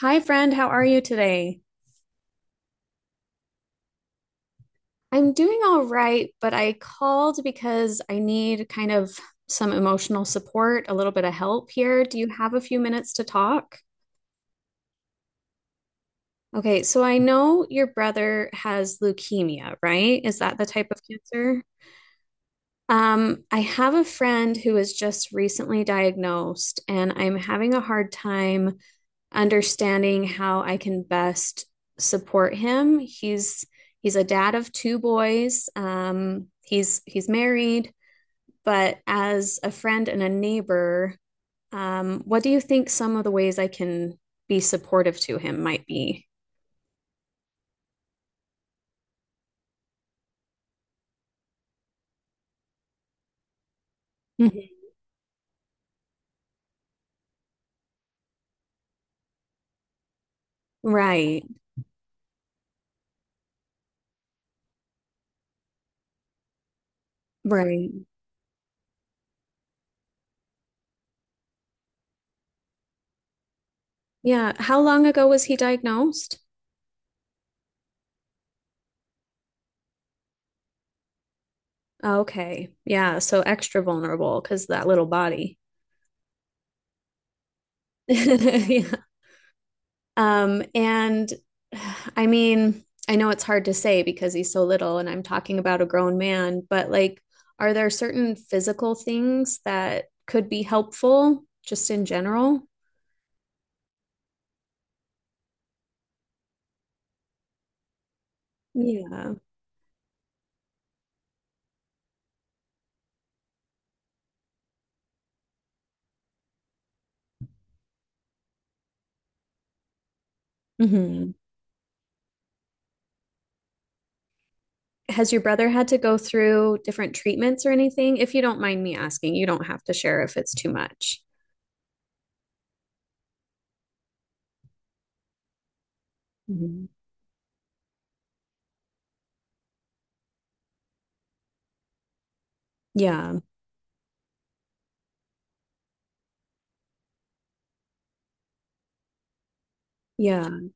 Hi, friend. How are you today? I'm doing all right, but I called because I need kind of some emotional support, a little bit of help here. Do you have a few minutes to talk? Okay, so I know your brother has leukemia, right? Is that the type of cancer? I have a friend who was just recently diagnosed, and I'm having a hard time understanding how I can best support him. He's a dad of two boys. He's married, but as a friend and a neighbor, what do you think some of the ways I can be supportive to him might be? Mhm. Right, right. Yeah. How long ago was he diagnosed? Okay. Yeah. So extra vulnerable because that little body. Yeah. And I mean, I know it's hard to say because he's so little and I'm talking about a grown man, but like, are there certain physical things that could be helpful just in general? Yeah. Hmm. Has your brother had to go through different treatments or anything? If you don't mind me asking, you don't have to share if it's too much. Mhm. Yeah. Yeah.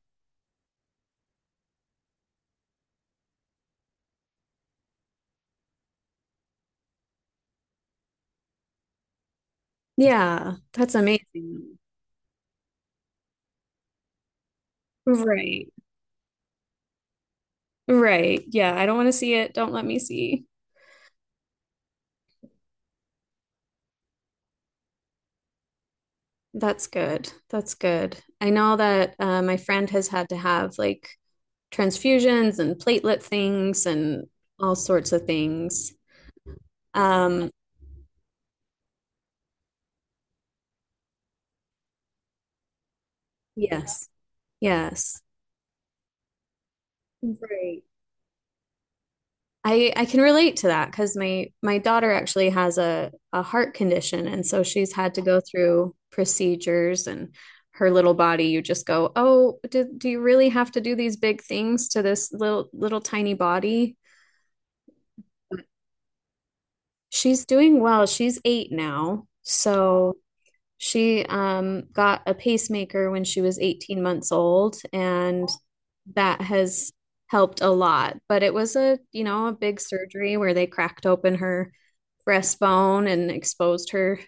Yeah. That's amazing. Right. Right. Yeah. I don't want to see it. Don't let me see. That's good. That's good. I know that my friend has had to have like transfusions and platelet things and all sorts of things. Um, yes, yes. Right. I can relate to that because my daughter actually has a heart condition, and so she's had to go through procedures and her little body. You just go, oh, do you really have to do these big things to this little little tiny body? She's doing well. She's eight now. So she got a pacemaker when she was 18 months old, and that has helped a lot. But it was a, you know, a big surgery where they cracked open her breastbone and exposed her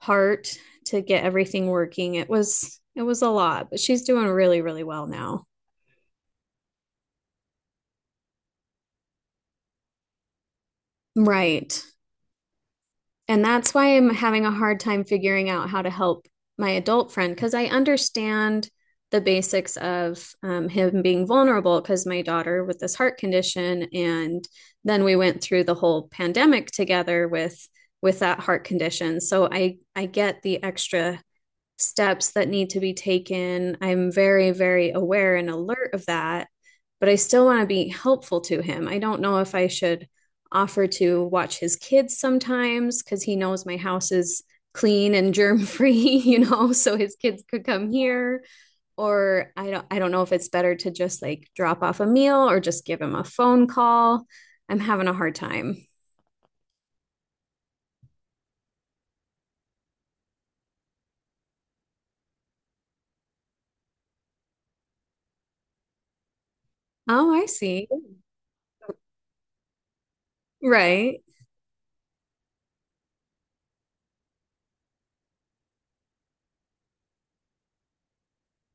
heart to get everything working. It was a lot, but she's doing really, really well now. Right. And that's why I'm having a hard time figuring out how to help my adult friend because I understand the basics of him being vulnerable because my daughter with this heart condition, and then we went through the whole pandemic together with that heart condition. So I get the extra steps that need to be taken. I'm very, very aware and alert of that, but I still want to be helpful to him. I don't know if I should offer to watch his kids sometimes because he knows my house is clean and germ free, you know, so his kids could come here. Or I don't know if it's better to just like drop off a meal or just give him a phone call. I'm having a hard time. Oh, I see. Right.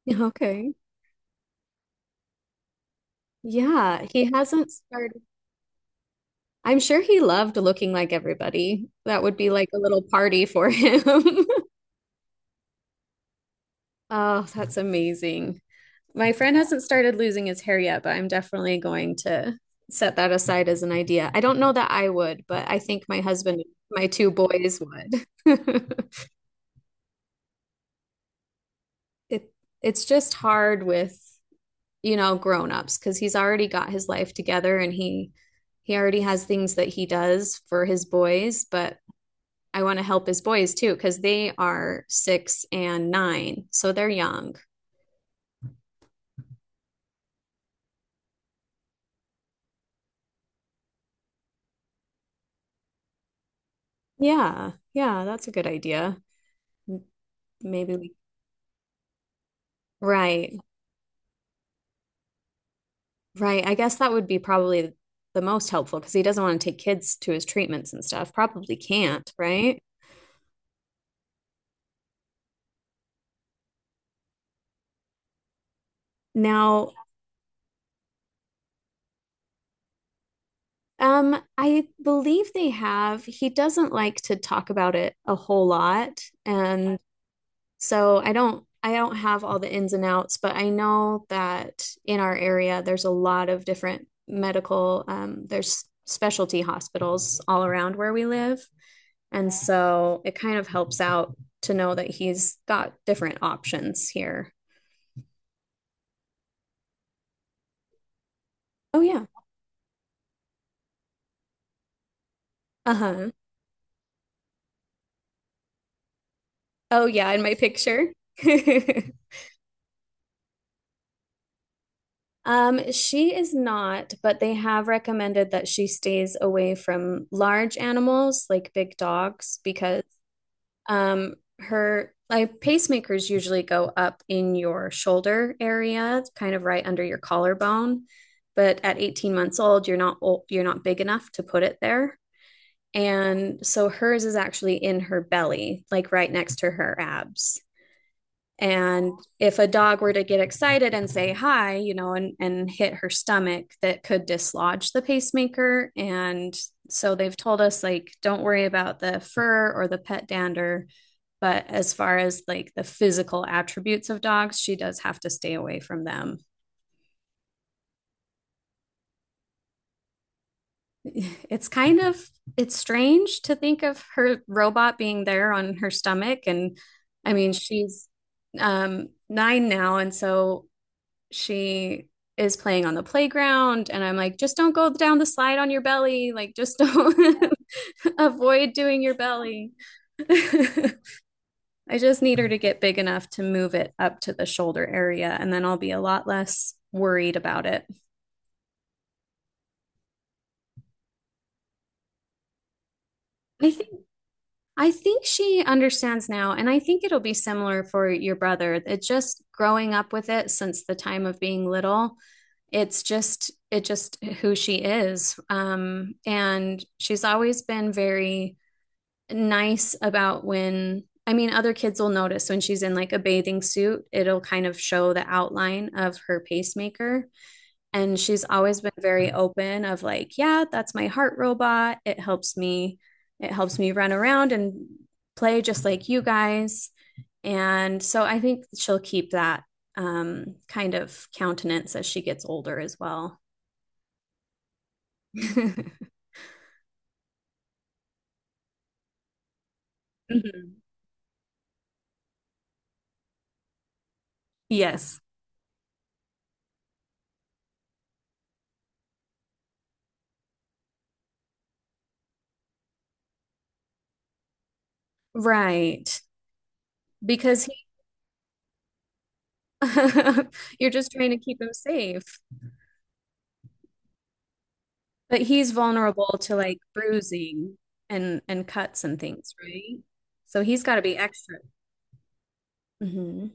Yeah, okay. Yeah, he hasn't started. I'm sure he loved looking like everybody. That would be like a little party for him. Oh, that's amazing. My friend hasn't started losing his hair yet, but I'm definitely going to set that aside as an idea. I don't know that I would, but I think my husband, and my two boys would. It it's just hard with, you know, grown-ups because he's already got his life together and he already has things that he does for his boys, but I want to help his boys too, because they are six and nine, so they're young. Yeah, yeah, that's a good idea. M- Maybe we, right, right. I guess that would be probably the most helpful because he doesn't want to take kids to his treatments and stuff. Probably can't, right? Now, I believe they have, he doesn't like to talk about it a whole lot, and so I don't have all the ins and outs, but I know that in our area there's a lot of different medical there's specialty hospitals all around where we live. And so it kind of helps out to know that he's got different options here. Oh yeah. Uh-huh. Oh yeah, in my picture. She is not, but they have recommended that she stays away from large animals like big dogs because Um, her like pacemakers usually go up in your shoulder area, kind of right under your collarbone. But at 18 months old, you're not big enough to put it there. And so hers is actually in her belly, like right next to her abs, and if a dog were to get excited and say hi, you know, and hit her stomach, that could dislodge the pacemaker, and so they've told us, like, don't worry about the fur or the pet dander, but as far as like the physical attributes of dogs, she does have to stay away from them. It's kind of it's strange to think of her robot being there on her stomach, and I mean she's nine now, and so she is playing on the playground, and I'm like, just don't go down the slide on your belly. Like, just don't avoid doing your belly. I just need her to get big enough to move it up to the shoulder area, and then I'll be a lot less worried about it. I think I think she understands now, and I think it'll be similar for your brother. It's just growing up with it since the time of being little, it's just it just who she is, and she's always been very nice about when I mean other kids will notice when she's in like a bathing suit, it'll kind of show the outline of her pacemaker, and she's always been very open of like, yeah, that's my heart robot, it helps me, it helps me run around and play just like you guys, and so I think she'll keep that kind of countenance as she gets older as well. Mhm. Yes, right. Because he, you're just trying to keep him safe. But he's vulnerable to like bruising and cuts and things, right? So he's got to be extra. Hmm.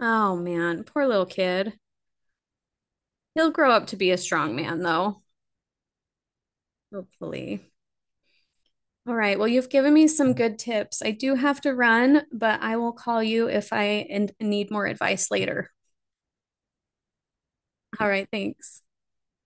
Oh man, poor little kid. He'll grow up to be a strong man though, hopefully. All right. Well, you've given me some good tips. I do have to run, but I will call you if I and need more advice later. All right, thanks.